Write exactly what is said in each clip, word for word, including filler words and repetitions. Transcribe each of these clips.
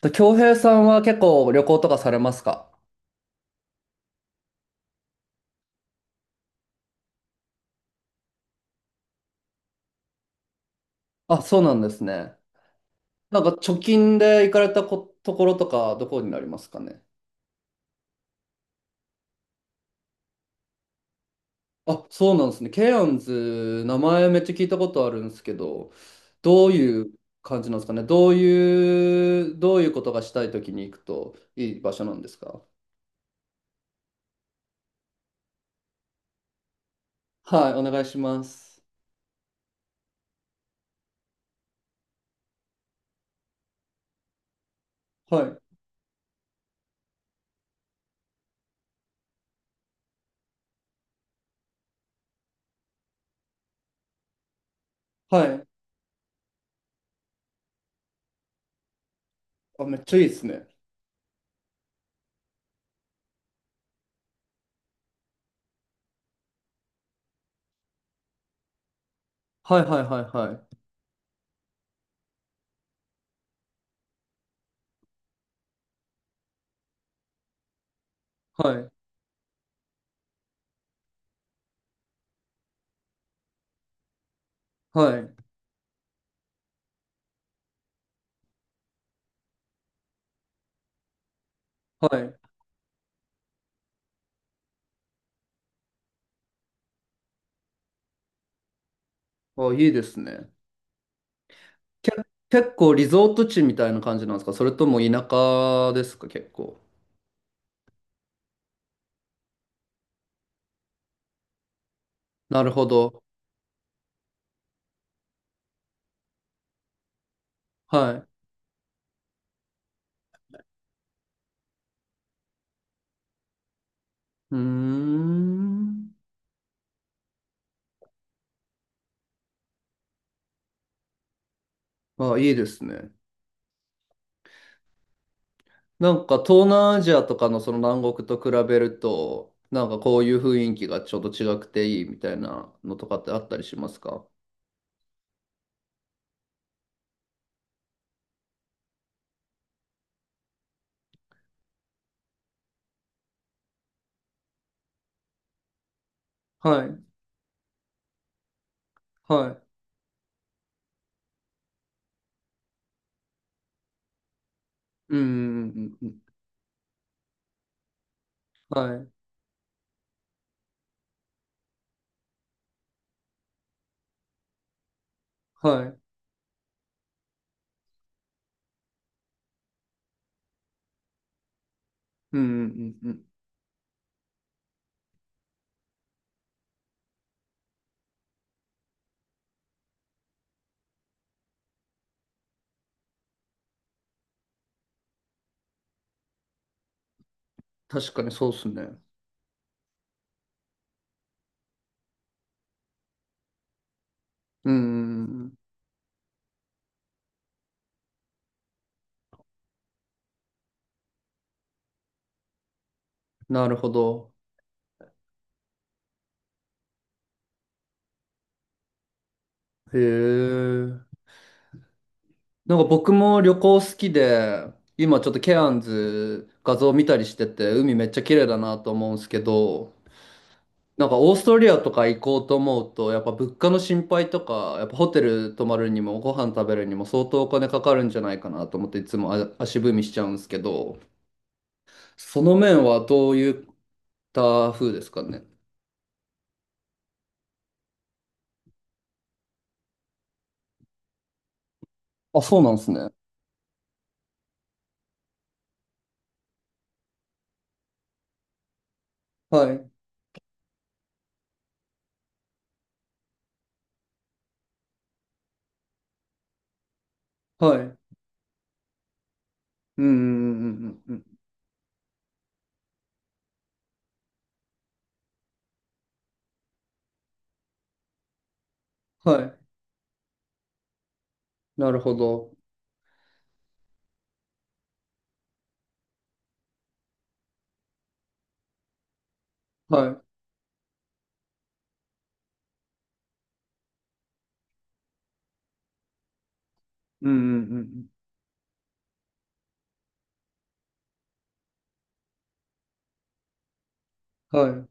と、京平さんは結構旅行とかされますか？あ、そうなんですね。なんか貯金で行かれたこと、ころとかどこになりますかね。あ、そうなんですね。ケアンズ、名前めっちゃ聞いたことあるんですけど、どういう感じなんですかね。どういう、どういうことがしたいときに行くといい場所なんですか？はい、お願いします。はい、はい。あ、めっちゃいいですね。はいはいはいはい。はい、はい、はい。あ、いいですね。け、結構リゾート地みたいな感じなんですか？それとも田舎ですか結構。なるほど。はい。うーん。あ、いいですね。なんか東南アジアとかのその南国と比べると、なんかこういう雰囲気がちょっと違くていいみたいなのとかってあったりしますか？はい。はい。うんうんうんうん。はい。はい。うんうんうんうん。確かにそうっすね。うんうんうん。なるほど。へえ。なんか僕も旅行好きで、今ちょっとケアンズ画像見たりしてて、海めっちゃ綺麗だなと思うんですけど、なんかオーストリアとか行こうと思うと、やっぱ物価の心配とか、やっぱホテル泊まるにもご飯食べるにも相当お金かかるんじゃないかなと思っていつもあ足踏みしちゃうんですけど、その面はどういった風ですかね。あ、そうなんですね。はい。はい。うんうんうんうんうん。はい。なるほど。はい。うんうんうんうん。はい。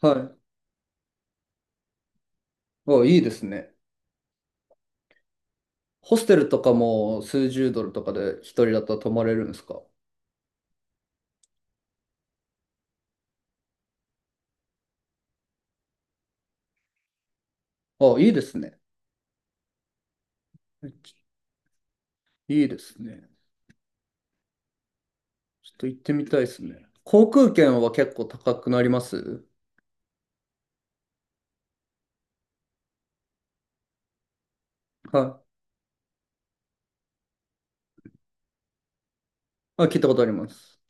はい。お、いいですね。ホステルとかも数十ドルとかで一人だったら泊まれるんですか？あ、いいですね。いいですね。ちょっと行ってみたいですね。航空券は結構高くなります？はい。あ、聞いたことあります。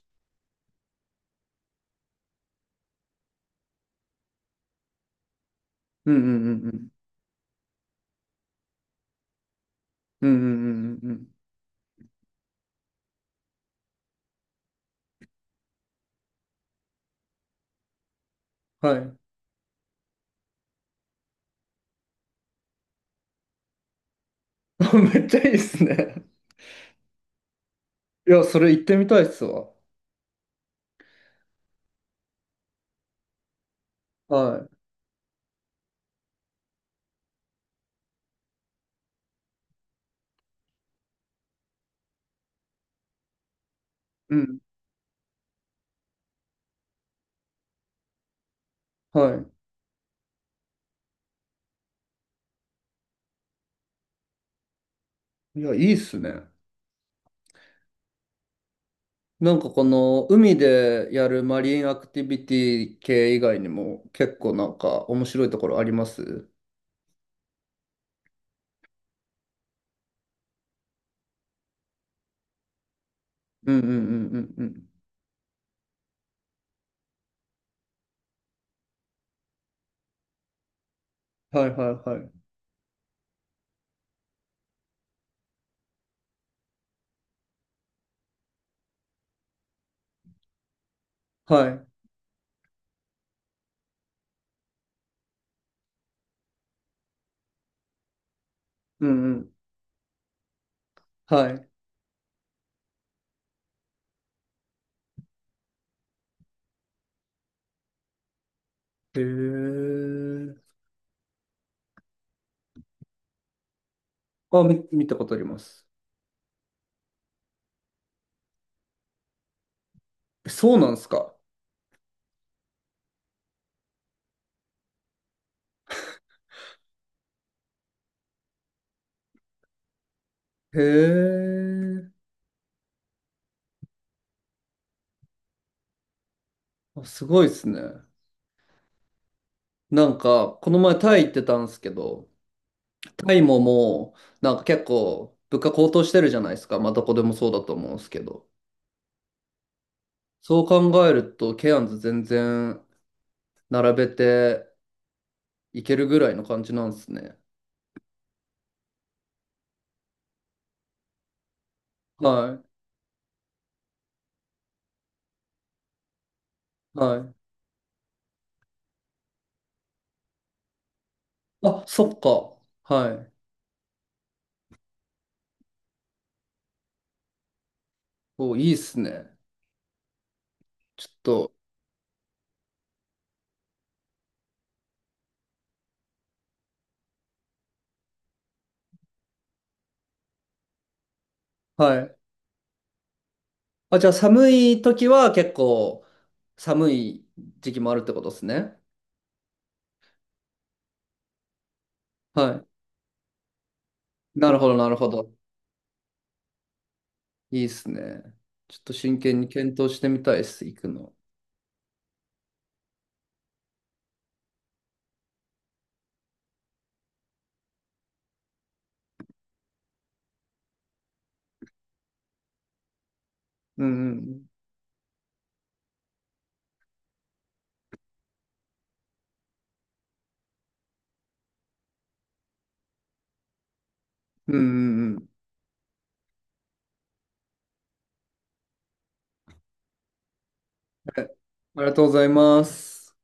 うんうんうんうん。うんうんうんうんうん。はい。めっちゃいいですね。いや、それ行ってみたいっすわ。はい。うん。はい。いや、いいっすね。なんかこの海でやるマリンアクティビティ系以外にも結構なんか面白いところあります？うんうんうんうんうん。はいはいはい。はい。うんうん。はい。へえ。あ、み、見たことあります。え、そうなんですか？へえ。あ、すごいですね。なんか、この前タイ行ってたんですけど、タイももう、なんか結構物価高騰してるじゃないですか。まあどこでもそうだと思うんですけど。そう考えると、ケアンズ全然並べていけるぐらいの感じなんですね。はい。はい。あ、そっか。はい。お、いいっすね。ちょっと。はい。あ、じゃあ寒い時は結構寒い時期もあるってことですね。はい。なるほど、なるほど。いいっすね。ちょっと真剣に検討してみたいっす、行くの。うんうん。うんうんうん。はい、ありがとうございます。